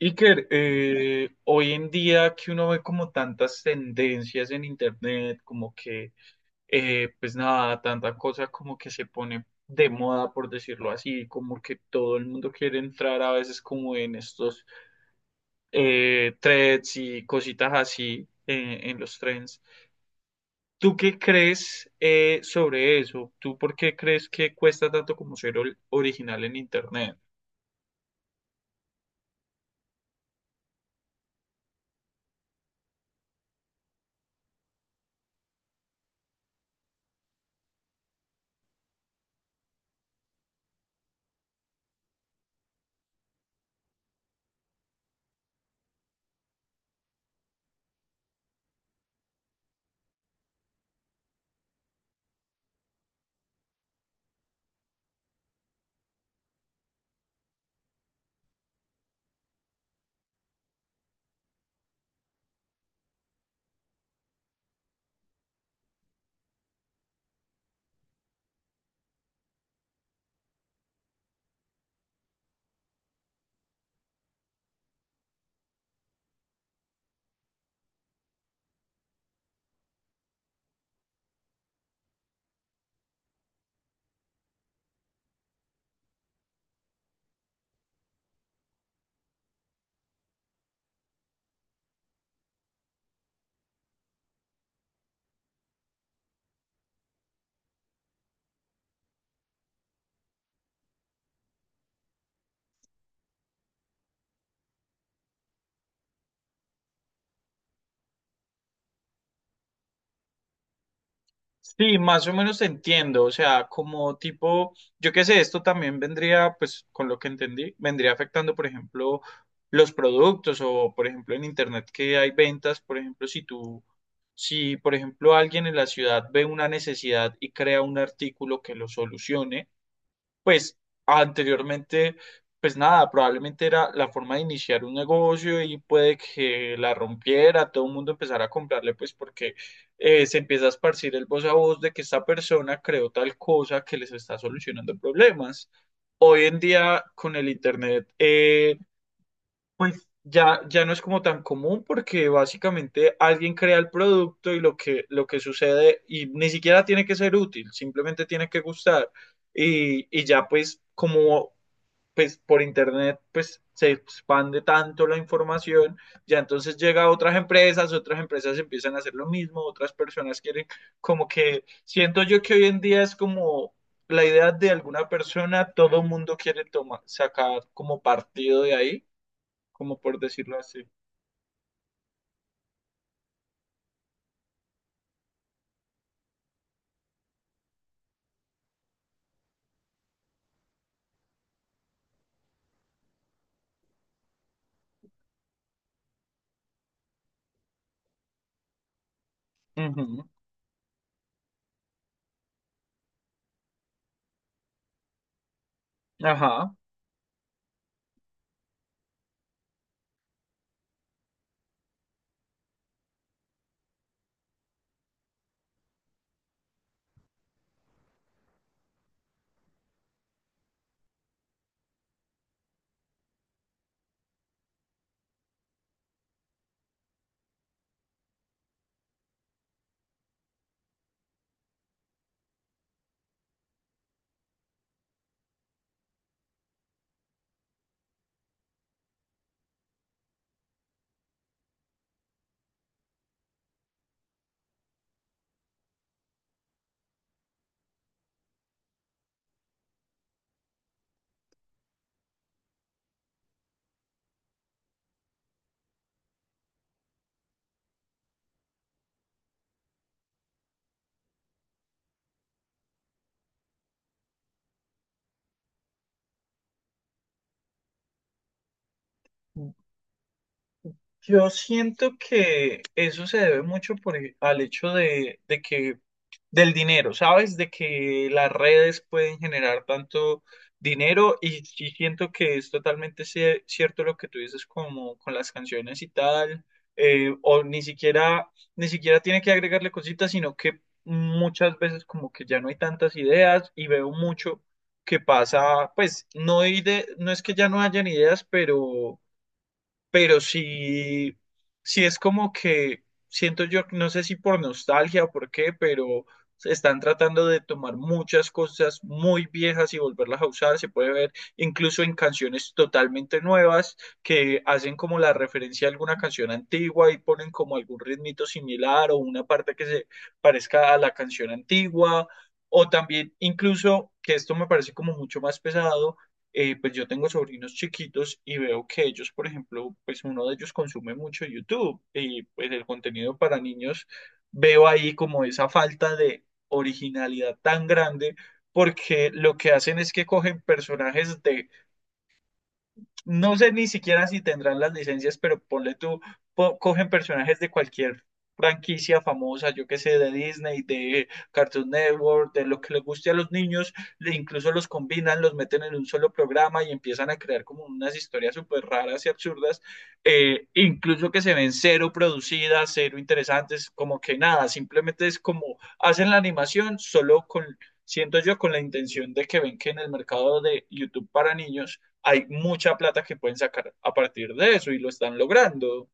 Iker, hoy en día que uno ve como tantas tendencias en internet, pues nada, tanta cosa como que se pone de moda, por decirlo así, como que todo el mundo quiere entrar a veces como en estos threads y cositas así en los trends. ¿Tú qué crees sobre eso? ¿Tú por qué crees que cuesta tanto como original en internet? Sí, más o menos entiendo, o sea, como tipo, yo qué sé, esto también vendría, pues con lo que entendí, vendría afectando, por ejemplo, los productos o, por ejemplo, en Internet que hay ventas, por ejemplo, si, por ejemplo, alguien en la ciudad ve una necesidad y crea un artículo que lo solucione, pues anteriormente, pues nada, probablemente era la forma de iniciar un negocio y puede que la rompiera, todo el mundo empezara a comprarle, pues porque se empieza a esparcir el voz a voz de que esta persona creó tal cosa que les está solucionando problemas. Hoy en día, con el Internet, pues ya no es como tan común porque básicamente alguien crea el producto y lo que sucede y ni siquiera tiene que ser útil, simplemente tiene que gustar. Y ya pues como pues por internet pues se expande tanto la información, ya entonces llega a otras empresas empiezan a hacer lo mismo, otras personas quieren como que siento yo que hoy en día es como la idea de alguna persona, todo mundo quiere tomar, sacar como partido de ahí como por decirlo así. Ujú. Ajá. Yo siento que eso se debe mucho al hecho de que del dinero, ¿sabes? De que las redes pueden generar tanto dinero y, sí siento que es totalmente cierto lo que tú dices como con las canciones y tal, o ni siquiera tiene que agregarle cositas, sino que muchas veces como que ya no hay tantas ideas y veo mucho que pasa, pues no, hay de, no es que ya no hayan ideas, pero pero sí, sí es como que siento yo, no sé si por nostalgia o por qué, pero se están tratando de tomar muchas cosas muy viejas y volverlas a usar. Se puede ver incluso en canciones totalmente nuevas que hacen como la referencia a alguna canción antigua y ponen como algún ritmito similar o una parte que se parezca a la canción antigua. O también incluso, que esto me parece como mucho más pesado, pues yo tengo sobrinos chiquitos y veo que ellos, por ejemplo, pues uno de ellos consume mucho YouTube y pues el contenido para niños, veo ahí como esa falta de originalidad tan grande porque lo que hacen es que cogen personajes de no sé ni siquiera si tendrán las licencias, pero ponle tú, cogen personajes de cualquier franquicia famosa, yo que sé, de Disney, de Cartoon Network, de lo que les guste a los niños, incluso los combinan, los meten en un solo programa y empiezan a crear como unas historias súper raras y absurdas, incluso que se ven cero producidas, cero interesantes, como que nada, simplemente es como hacen la animación solo con, siento yo, con la intención de que ven que en el mercado de YouTube para niños, hay mucha plata que pueden sacar a partir de eso y lo están logrando.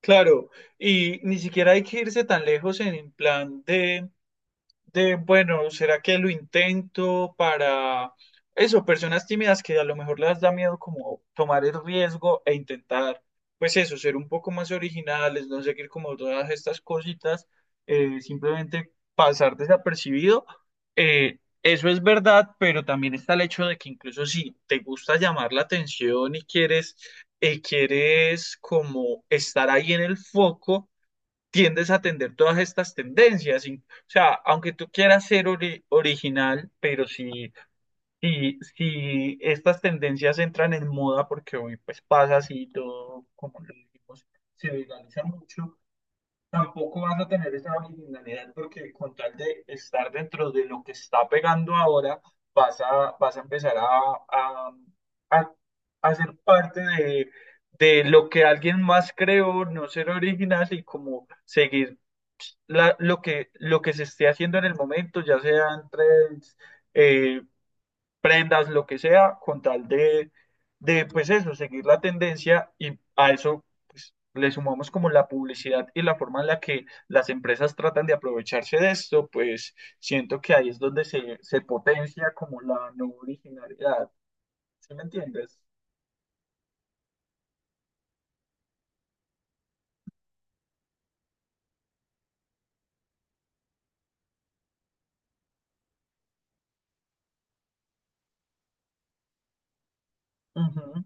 Claro, y ni siquiera hay que irse tan lejos en plan de, bueno, ¿será que lo intento para eso? Personas tímidas que a lo mejor les da miedo como tomar el riesgo e intentar, pues eso, ser un poco más originales, no seguir como todas estas cositas, simplemente pasar desapercibido. Eso es verdad, pero también está el hecho de que incluso si te gusta llamar la atención y quieres, quieres como estar ahí en el foco, tiendes a atender todas estas tendencias. Y, o sea, aunque tú original, si estas tendencias entran en moda, porque hoy pues pasa así todo, como lo dijimos, se viraliza mucho, tampoco vas a tener esa originalidad porque con tal de estar dentro de lo que está pegando ahora, vas a empezar a, a, a ser parte de lo que alguien más creó, no ser original y como seguir lo que se esté haciendo en el momento, ya sean trends, eh, prendas, lo que sea, con tal de, pues eso, seguir la tendencia y a eso pues, le sumamos como la publicidad y la forma en la que las empresas tratan de aprovecharse de esto, pues siento que ahí es donde se potencia como la no originalidad. ¿Sí me entiendes? Ujú.